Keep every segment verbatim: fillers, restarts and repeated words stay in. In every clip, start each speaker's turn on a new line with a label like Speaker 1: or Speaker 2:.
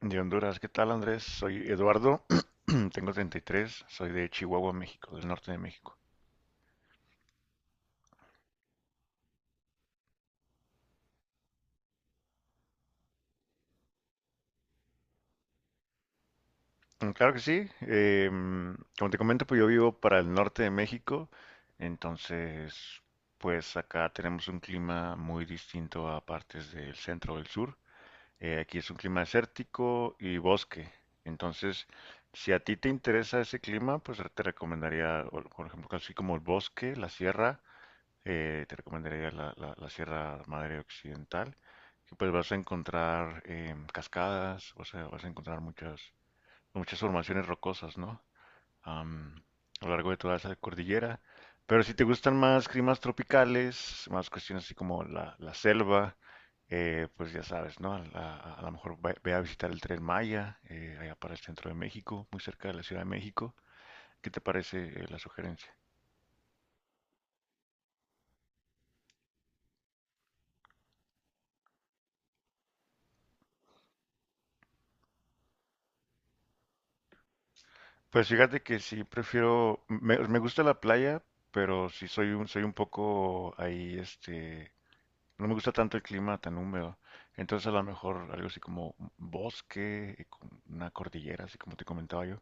Speaker 1: De Honduras, ¿qué tal Andrés? Soy Eduardo, tengo treinta y tres, soy de Chihuahua, México, del norte de México. Mm, claro que sí. Em, como te comento, pues yo vivo para el norte de México, entonces pues acá tenemos un clima muy distinto a partes del centro o del sur. Eh, aquí es un clima desértico y bosque, entonces si a ti te interesa ese clima, pues te recomendaría, o- por ejemplo, así como el bosque, la sierra, eh, te recomendaría la, la- la Sierra Madre Occidental, que pues vas a encontrar eh, cascadas, vas a, vas a encontrar muchas, muchas formaciones rocosas, ¿no? Am, a lo largo de toda esa cordillera. Pero si te gustan más climas tropicales, más cuestiones así como la, la selva, eh, pues ya sabes, ¿no? A, a- a lo mejor ve, ve a visitar el Tren Maya, eh, allá para el centro de México, muy cerca de la Ciudad de México. ¿Qué te parece, eh, la sugerencia? Pues fíjate que sí prefiero, me, me gusta la playa, pero sí soy un, soy un poco ahí, este, no me gusta tanto el clima tan húmedo. Entonces a lo mejor algo así como un bosque, y con una cordillera, así como te comentaba yo.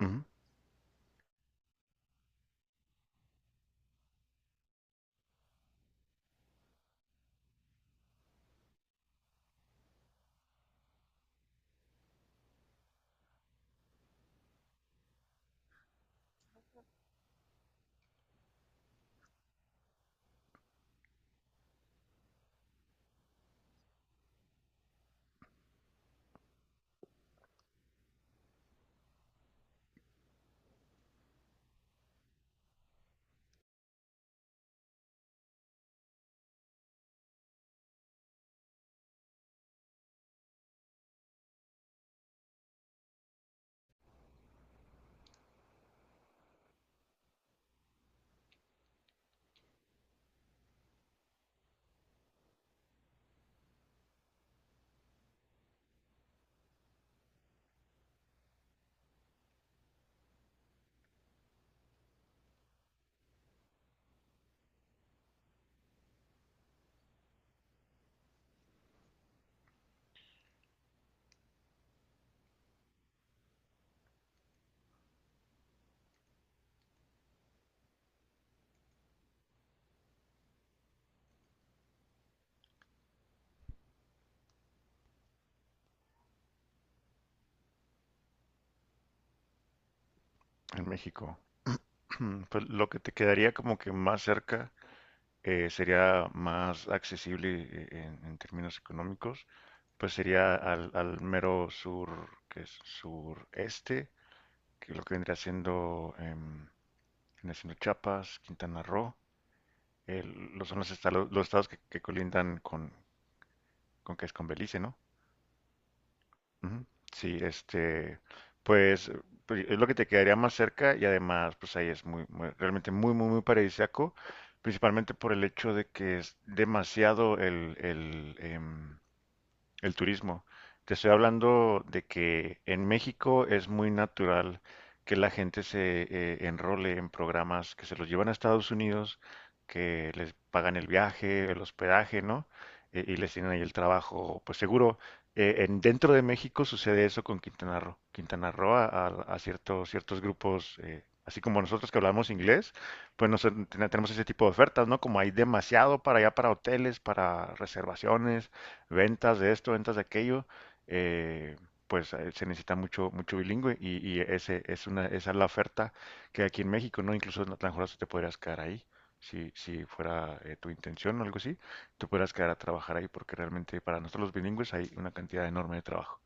Speaker 1: Ujú. En México. Pues lo que te quedaría como que más cerca, eh, sería más accesible, eh, en, en términos económicos, pues sería al, al mero sur, que es sureste, que lo que vendría siendo em, tienes en Chiapas, Quintana Roo, el- los son los estados, los estados que, que colindan con, con, que es con Belice, ¿no? Ujú. Sí, este, pues, pues es lo que te quedaría más cerca, y además, pues ahí es muy, muy- realmente muy, muy, muy paradisíaco, principalmente por el hecho de que es demasiado el, el, em, el turismo. Te estoy hablando de que en México es muy natural que la gente se eh, enrole en programas que se los llevan a Estados Unidos, que les pagan el viaje, el hospedaje, ¿no? Eh, y les tienen ahí el trabajo, pues seguro. Eh, en, dentro de México sucede eso con Quintana Roo. Quintana Roo a, a- a ciertos, ciertos grupos, eh, así como nosotros que hablamos inglés, pues nos, ten- tenemos ese tipo de ofertas, ¿no? Como hay demasiado para allá, para hoteles, para reservaciones, ventas de esto, ventas de aquello. eh, pues eh, Se necesita mucho, mucho bilingüe, y y ese, es una, esa es la oferta que hay aquí en México, ¿no? Incluso, en la mejor hasta te podrías quedar ahí, si, si fuera eh, tu intención o algo así, te podrías quedar a trabajar ahí, porque realmente para nosotros los bilingües hay una cantidad enorme de trabajo.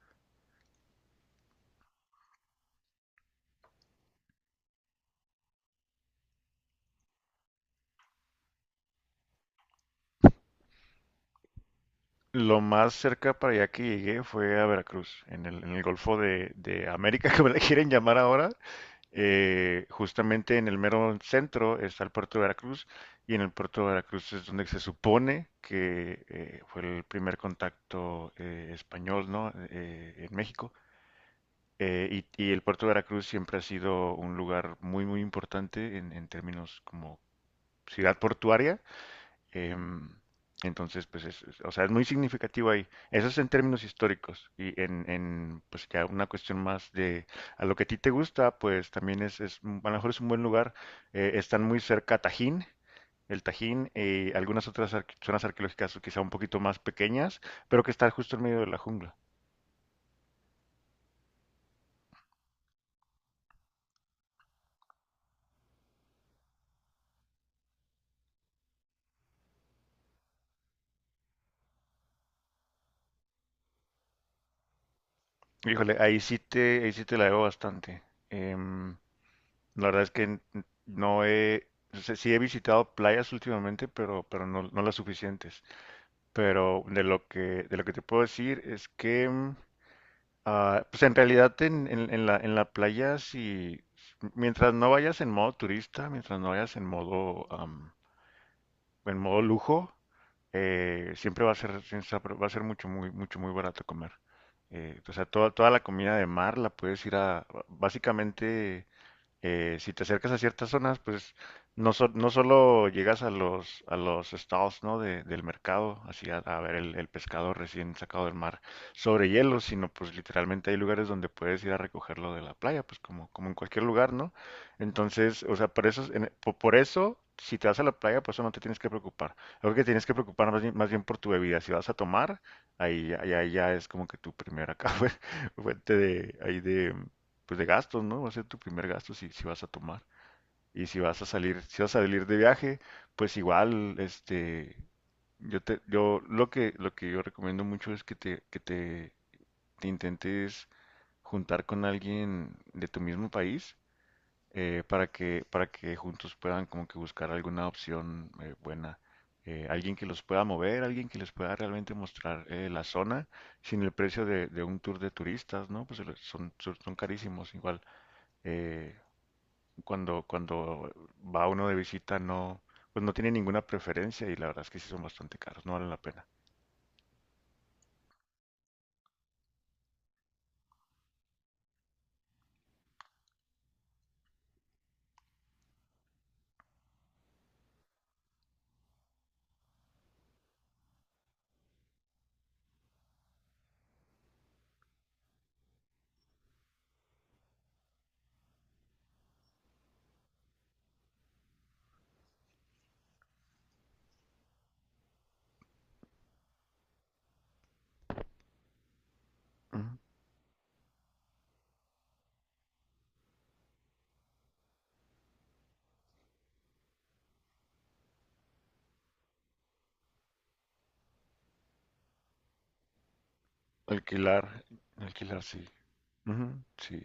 Speaker 1: Lo más cerca para allá que llegué fue a Veracruz, en el, en el Golfo de, de América, que me le quieren llamar ahora. Eh, justamente en el mero centro está el puerto de Veracruz, y en el puerto de Veracruz es donde se supone que eh, fue el primer contacto eh, español, ¿no? Eh, en México. Eh, y, y el puerto de Veracruz siempre ha sido un lugar muy, muy importante, en, en términos como ciudad portuaria. eh, entonces, pues es, es- o sea, es muy significativo ahí. Eso es en términos históricos, y en, en, pues, ya una cuestión más de a lo que a ti te gusta, pues también es, es un- a lo mejor es un buen lugar. Eh, están muy cerca Tajín, el Tajín, eh, algunas otras arque- zonas arqueológicas quizá un poquito más pequeñas, pero que están justo en medio de la jungla. Híjole, ahí sí te, ahí sí te la debo bastante. Em, la verdad es que n- no he, o sea, sí he visitado playas últimamente, pero, pero no, no las suficientes. Pero de lo que, de lo que te puedo decir es que, mm, ah, pues en realidad en, en- en la, en la playa, si, mientras no vayas en modo turista, mientras no vayas en modo, am, en modo lujo, eh, siempre va a ser, siempre va a ser mucho, muy, mucho, muy barato comer. Eh, o sea, toda, toda la comida de mar la puedes ir a, básicamente, eh, si te acercas a ciertas zonas, pues no, so- no solo llegas a los, a los estados, ¿no? De- del mercado, así a, a ver el, el pescado recién sacado del mar, sobre hielo, sino pues literalmente hay lugares donde puedes ir a recogerlo de la playa, pues como, como en cualquier lugar, ¿no? Entonces, o sea, por eso, es- en- po- por eso, si te vas a la playa, pues eso no te tienes que preocupar. Lo que tienes que preocupar más bien, más bien por tu bebida. Si vas a tomar, ahí, ya- ahí ya es como que tu primera acá fuente de, ahí de, pues de gastos, ¿no? Va a ser tu primer gasto si, si vas a tomar. Y si vas a salir, si vas a salir de viaje, pues igual, este, yo te, yo lo que, lo que yo recomiendo mucho es que te, que te, te intentes juntar con alguien de tu mismo país, eh, para que, para que juntos puedan como que buscar alguna opción eh, buena. Eh, alguien que los pueda mover, alguien que les pueda realmente mostrar eh, la zona, sin el precio de, de un tour de turistas, ¿no? Pues el- son, son son carísimos igual. Eh, cuando, cuando va uno de visita, no, pues no tiene ninguna preferencia, y la verdad es que sí son bastante caros, no valen la pena. Ujú. Alquilar, alquilar sí. Ujú, sí.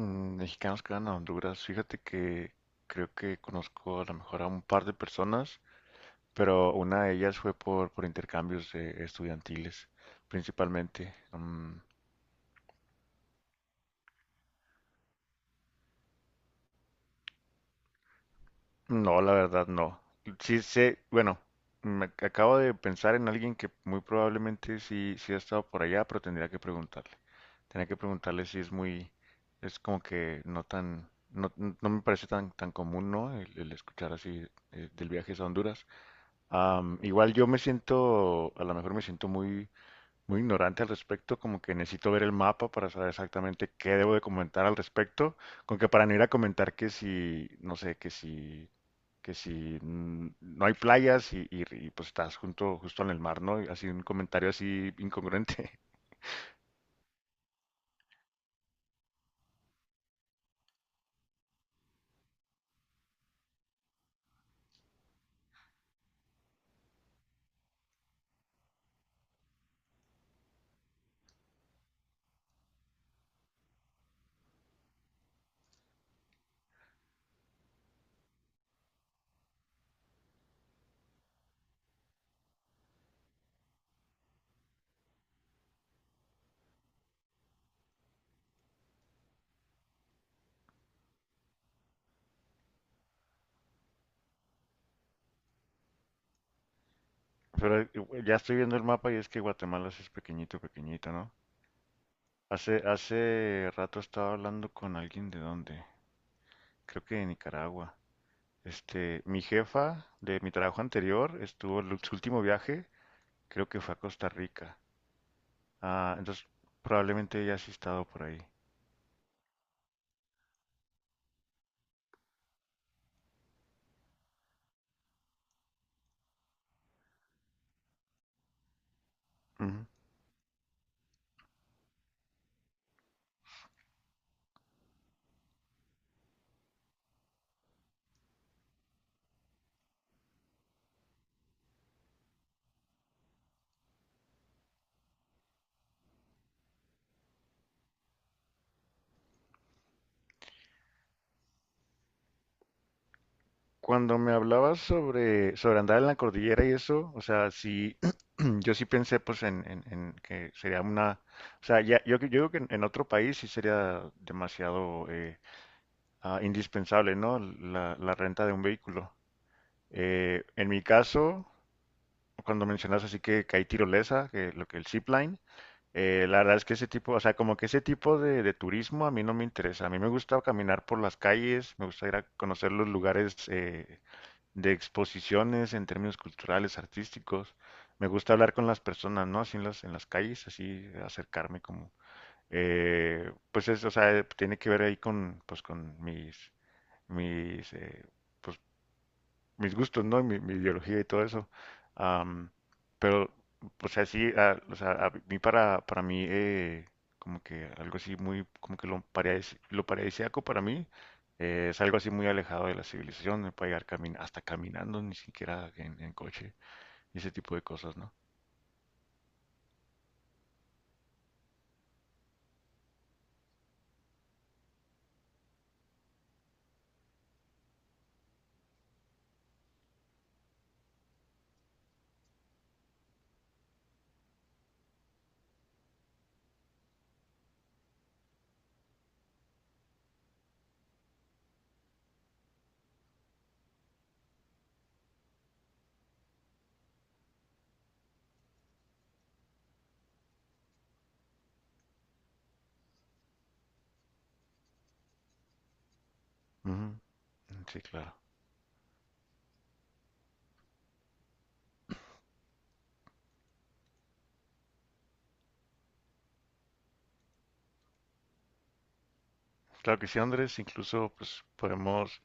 Speaker 1: Mm, mexicanos que van a Honduras, fíjate que creo que conozco a lo mejor a un par de personas, pero una de ellas fue por, por intercambios eh, estudiantiles, principalmente. Mm, no, la verdad no. Sí sé, bueno, me ac- acabo de pensar en alguien que muy probablemente sí, sí ha estado por allá, pero tendría que preguntarle. Tendría que preguntarle si es muy, es como que no tan, no, n- no me parece tan, tan común, ¿no? El, el escuchar así eh, del viaje a Honduras. Am, igual yo me siento, a lo mejor me siento muy, muy ignorante al respecto, como que necesito ver el mapa para saber exactamente qué debo de comentar al respecto, con que para no ir a comentar que si, no sé, que si, que si mm, no hay playas y, y- y pues estás junto, justo en el mar, ¿no? Y así un comentario así incongruente. Pero eh, ya estoy viendo el mapa, y es que Guatemala sí es pequeñito, pequeñito, ¿no? Hace, hace rato estaba hablando con alguien de dónde, creo que de Nicaragua. Este, mi jefa de mi trabajo anterior estuvo en su último viaje. Creo que fue a Costa Rica. Ah, entonces probablemente ya has estado por ahí. Ujú. Cuando me hablabas sobre, sobre andar en la cordillera y eso, o sea, sí, yo sí pensé pues en, en- en que sería una, o sea, ya, yo, yo creo que en, en otro país sí sería demasiado eh, ah, indispensable, ¿no? La, la renta de un vehículo. Eh, en mi caso, cuando mencionas así que, que hay tirolesa, que lo que el zipline, Eh, la verdad es que ese tipo, o sea, como que ese tipo de, de turismo a mí no me interesa. A mí me gusta caminar por las calles, me gusta ir a conocer los lugares, eh, de exposiciones en términos culturales, artísticos. Me gusta hablar con las personas, ¿no? Así en las, en las calles, así acercarme como eh, pues es, o sea, tiene que ver ahí con, pues con mis, mis, eh, pues mis gustos, ¿no? Y Mi, mi ideología y todo eso. Am, pero, o sea, sí, a, o sea, a mí para, para mí, eh, como que algo así muy, como que lo, paradis- lo paradisíaco para mí eh, es algo así muy alejado de la civilización, me puede llegar camin hasta caminando, ni siquiera en, en coche, y ese tipo de cosas, ¿no? Ujú, sí, claro. Claro que sí, Andrés, incluso pues podemos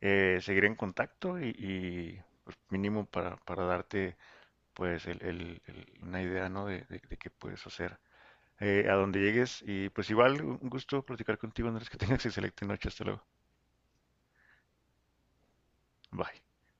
Speaker 1: eh, seguir en contacto y, y, pues, mínimo para, para darte pues el, el- el- una idea, ¿no? De, de- de qué puedes hacer eh, a donde llegues. Y pues igual, un gusto platicar contigo, Andrés, que tengas excelente noche. Hasta luego. Bye.